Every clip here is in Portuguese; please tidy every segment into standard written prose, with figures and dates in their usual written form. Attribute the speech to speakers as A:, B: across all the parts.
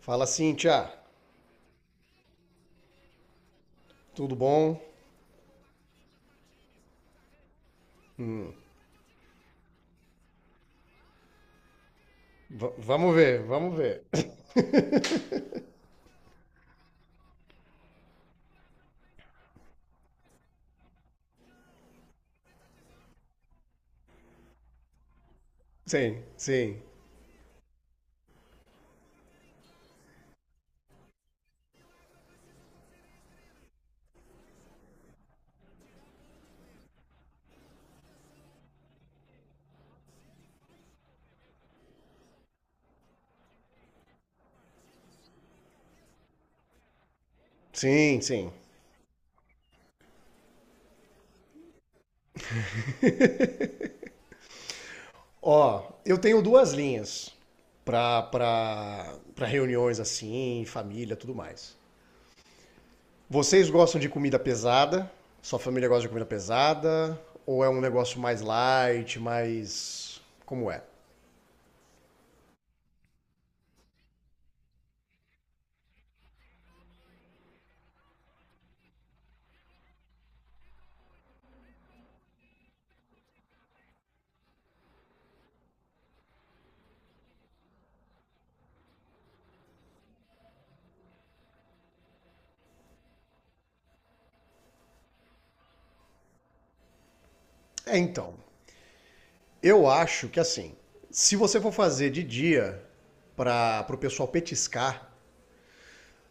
A: Fala, Cíntia. Tudo bom? Vamos ver, vamos ver. Sim, sim. Sim, sim. Ó, eu tenho duas linhas para reuniões assim, família, tudo mais. Vocês gostam de comida pesada? Sua família gosta de comida pesada? Ou é um negócio mais light, mais como é? É, então, eu acho que assim, se você for fazer de dia para o pessoal petiscar,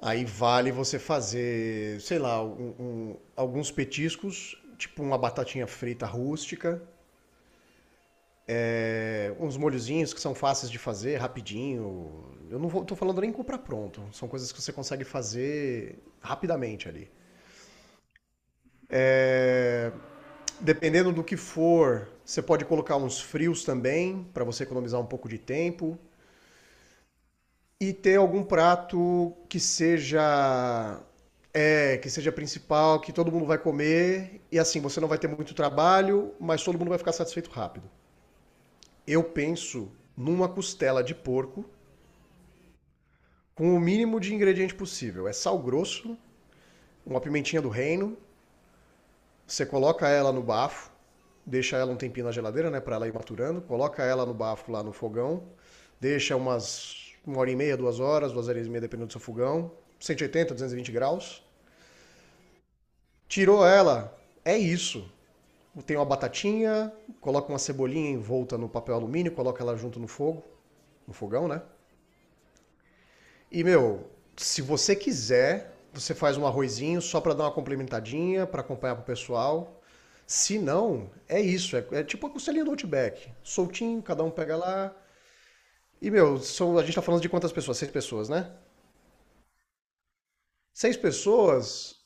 A: aí vale você fazer, sei lá, alguns petiscos, tipo uma batatinha frita rústica, é, uns molhozinhos que são fáceis de fazer, rapidinho. Eu não vou, tô falando nem comprar pronto, são coisas que você consegue fazer rapidamente ali. É, dependendo do que for, você pode colocar uns frios também, para você economizar um pouco de tempo. E ter algum prato que seja é, que seja principal, que todo mundo vai comer e assim, você não vai ter muito trabalho, mas todo mundo vai ficar satisfeito rápido. Eu penso numa costela de porco com o mínimo de ingrediente possível. É sal grosso, uma pimentinha do reino, você coloca ela no bafo, deixa ela um tempinho na geladeira, né, para ela ir maturando, coloca ela no bafo lá no fogão, deixa umas uma hora e meia, duas horas e meia, dependendo do seu fogão, 180 220 graus. Tirou ela, é isso. Tem uma batatinha, coloca uma cebolinha envolta no papel alumínio, coloca ela junto no fogo, no fogão, né? E, meu, se você quiser, você faz um arrozinho só pra dar uma complementadinha, pra acompanhar pro pessoal. Se não, é isso. É, é tipo a costelinha do Outback. Soltinho, cada um pega lá. E, meu, são, a gente tá falando de quantas pessoas? Seis pessoas, né? Seis pessoas,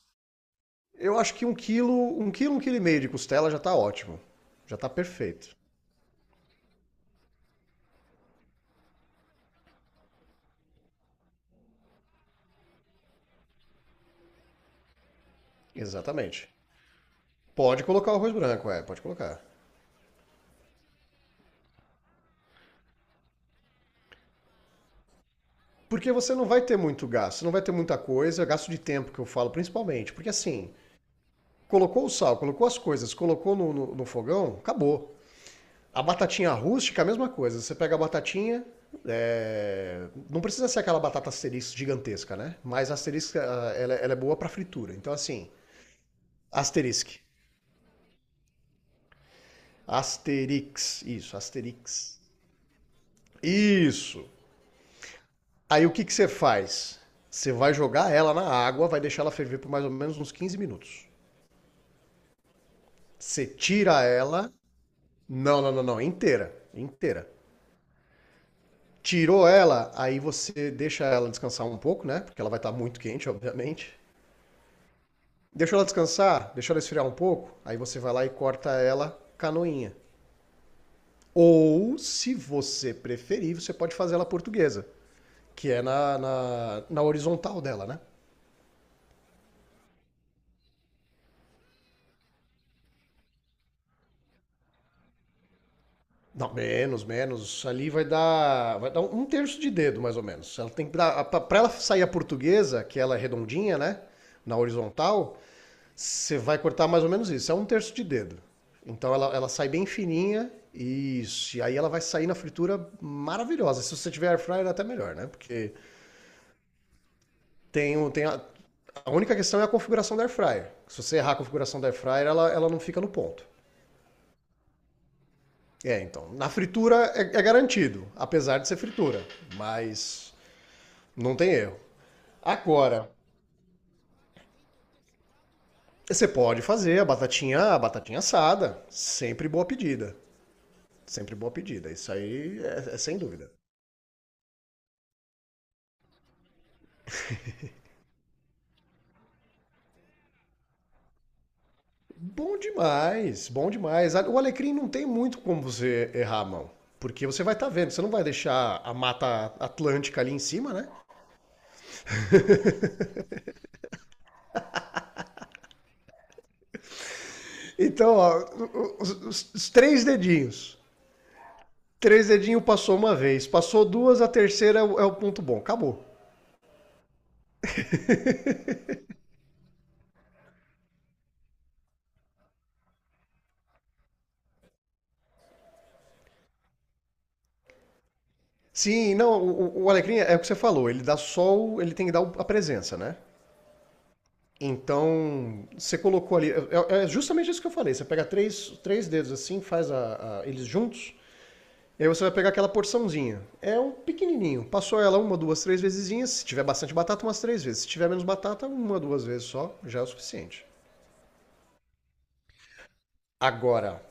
A: eu acho que um quilo, um quilo e meio de costela já tá ótimo. Já tá perfeito. Exatamente. Pode colocar o arroz branco, é, pode colocar. Porque você não vai ter muito gasto, não vai ter muita coisa, gasto de tempo que eu falo, principalmente. Porque assim, colocou o sal, colocou as coisas, colocou no fogão, acabou. A batatinha rústica, a mesma coisa. Você pega a batatinha, é, não precisa ser aquela batata asterisco gigantesca, né? Mas a asterisca, ah, ela é boa para fritura. Então assim, asterisque. Asterix, isso, asterix. Isso. Aí o que, que você faz? Você vai jogar ela na água, vai deixar ela ferver por mais ou menos uns 15 minutos. Você tira ela. Não, não, não, não. Inteira. Inteira. Tirou ela, aí você deixa ela descansar um pouco, né? Porque ela vai estar muito quente, obviamente. Deixa ela descansar, deixa ela esfriar um pouco. Aí você vai lá e corta ela canoinha. Ou, se você preferir, você pode fazer ela portuguesa, que é na horizontal dela, né? Não, menos, menos. Ali vai dar um terço de dedo, mais ou menos. Ela tem que dar, para ela sair a portuguesa, que ela é redondinha, né? Na horizontal, você vai cortar mais ou menos isso. É um terço de dedo. Então ela sai bem fininha. Isso. E aí ela vai sair na fritura maravilhosa. Se você tiver air fryer, é até melhor, né? Porque tem, a única questão é a configuração da air fryer. Se você errar a configuração da air fryer, ela não fica no ponto. É, então. Na fritura é, é garantido, apesar de ser fritura. Mas não tem erro. Agora, você pode fazer a batatinha assada. Sempre boa pedida. Sempre boa pedida. Isso aí é, é sem dúvida. Bom demais, bom demais. O alecrim não tem muito como você errar a mão. Porque você vai estar vendo, você não vai deixar a mata atlântica ali em cima, né? Então, ó, os três dedinhos. Três dedinhos passou uma vez, passou duas, a terceira é o, é o ponto bom. Acabou. Sim, não, o Alecrim é o que você falou, ele dá só o, ele tem que dar a presença, né? Então, você colocou ali, é, é é justamente isso que eu falei, você pega três, três dedos assim, faz eles juntos, e aí você vai pegar aquela porçãozinha. É um pequenininho, passou ela uma, duas, três vezesinhas, se tiver bastante batata, umas três vezes, se tiver menos batata, uma, duas vezes só, já é o suficiente. Agora,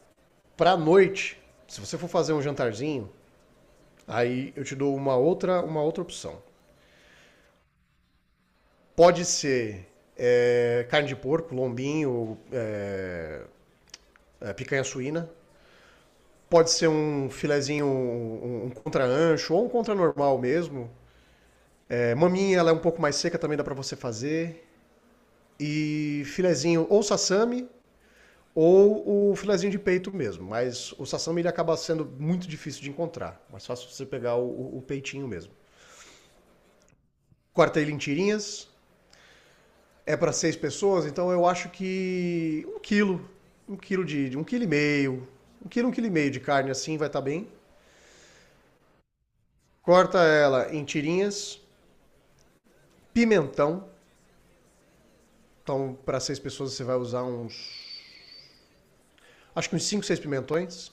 A: pra noite, se você for fazer um jantarzinho, aí eu te dou uma outra opção. Pode ser é, carne de porco, lombinho, é, é, picanha suína. Pode ser um filezinho, um contra-ancho ou um contra-normal mesmo. É, maminha, ela é um pouco mais seca, também dá para você fazer. E filezinho ou sassami ou o filezinho de peito mesmo. Mas o sassami ele acaba sendo muito difícil de encontrar. Mais fácil você pegar o peitinho mesmo. Corta ele em tirinhas, é para seis pessoas, então eu acho que um quilo de um quilo e meio, um quilo e meio de carne assim vai estar bem. Corta ela em tirinhas, pimentão. Então, para seis pessoas você vai usar uns, acho que uns cinco, seis pimentões.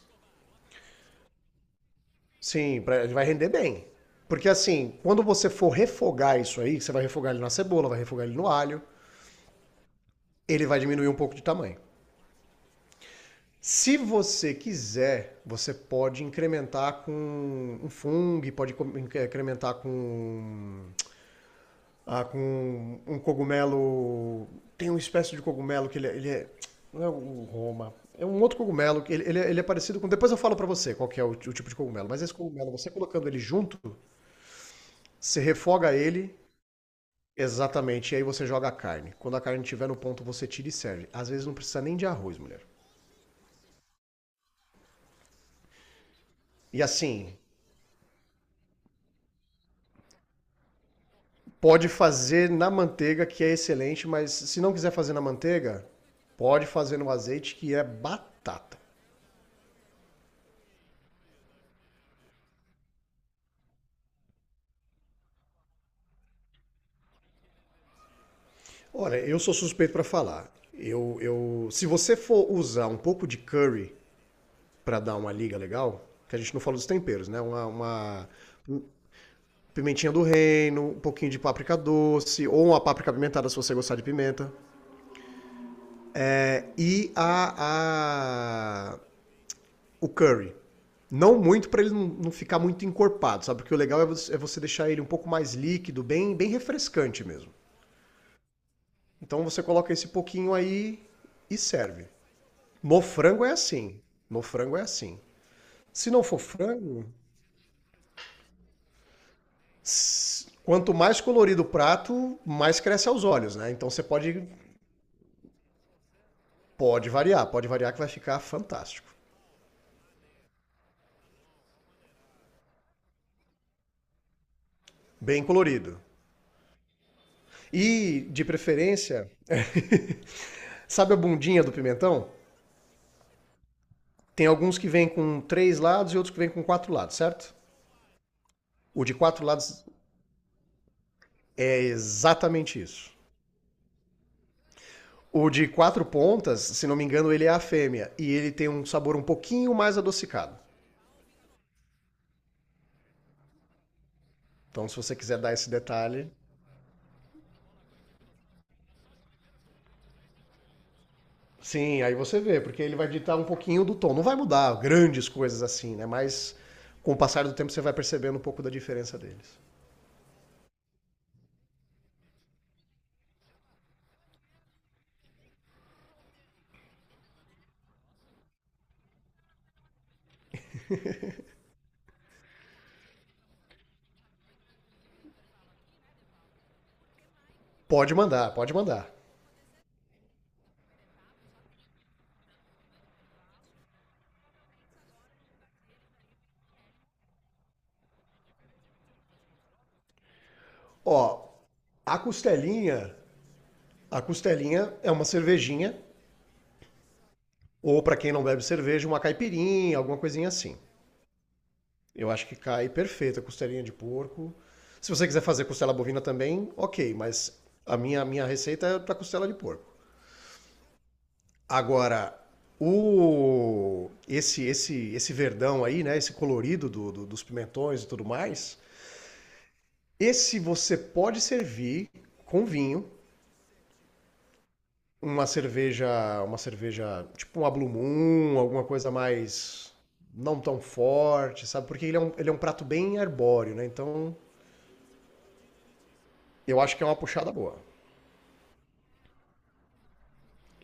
A: Sim, pra, vai render bem. Porque assim, quando você for refogar isso aí, você vai refogar ele na cebola, vai refogar ele no alho, ele vai diminuir um pouco de tamanho. Se você quiser, você pode incrementar com um fungo, pode incrementar com, ah, com um cogumelo. Tem uma espécie de cogumelo que ele é. Não é o Roma. É um outro cogumelo que ele, ele é parecido com. Depois eu falo pra você qual que é o tipo de cogumelo. Mas esse cogumelo, você colocando ele junto, você refoga ele exatamente. E aí você joga a carne. Quando a carne estiver no ponto, você tira e serve. Às vezes não precisa nem de arroz, mulher. E assim, pode fazer na manteiga, que é excelente, mas se não quiser fazer na manteiga, pode fazer no azeite, que é batata. Olha, eu sou suspeito para falar. Eu, se você for usar um pouco de curry para dar uma liga legal, que a gente não fala dos temperos, né? Uma pimentinha do reino, um pouquinho de páprica doce, ou uma páprica pimentada se você gostar de pimenta. É, e a o curry. Não muito para ele não, não ficar muito encorpado, sabe? Porque o legal é você deixar ele um pouco mais líquido, bem, bem refrescante mesmo. Então você coloca esse pouquinho aí e serve. No frango é assim. No frango é assim. Se não for frango, quanto mais colorido o prato, mais cresce aos olhos, né? Então você pode, pode variar que vai ficar fantástico. Bem colorido. E, de preferência, sabe a bundinha do pimentão? Tem alguns que vêm com três lados e outros que vêm com quatro lados, certo? O de quatro lados é exatamente isso. O de quatro pontas, se não me engano, ele é a fêmea e ele tem um sabor um pouquinho mais adocicado. Então, se você quiser dar esse detalhe, sim, aí você vê, porque ele vai ditar um pouquinho do tom. Não vai mudar grandes coisas assim, né? Mas com o passar do tempo você vai percebendo um pouco da diferença deles. Pode mandar, pode mandar. Ó, a costelinha, a costelinha é uma cervejinha. Ou para quem não bebe cerveja, uma caipirinha, alguma coisinha assim. Eu acho que cai perfeito a costelinha de porco. Se você quiser fazer costela bovina também, ok, mas a minha receita é para costela de porco. Agora, o esse verdão aí, né, esse colorido dos pimentões e tudo mais, esse você pode servir com vinho, uma cerveja, uma cerveja, tipo uma Blue Moon, alguma coisa mais não tão forte, sabe? Porque ele é um prato bem arbóreo, né? Então, eu acho que é uma puxada boa.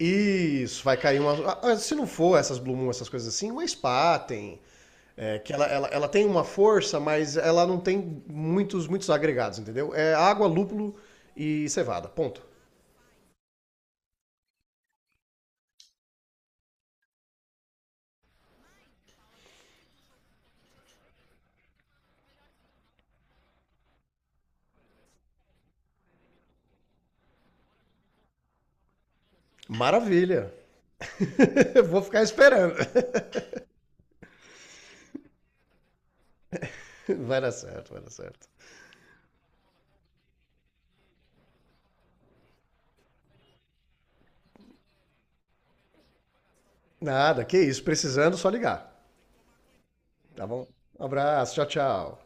A: Isso, vai cair uma. Se não for essas Blue Moon, essas coisas assim, uma Spaten. É, que ela tem uma força, mas ela não tem muitos, muitos agregados, entendeu? É água, lúpulo e cevada. Ponto. Maravilha! Vou ficar esperando. Vai dar certo, vai dar certo. Nada, que isso. Precisando, só ligar. Tá bom? Um abraço, tchau, tchau.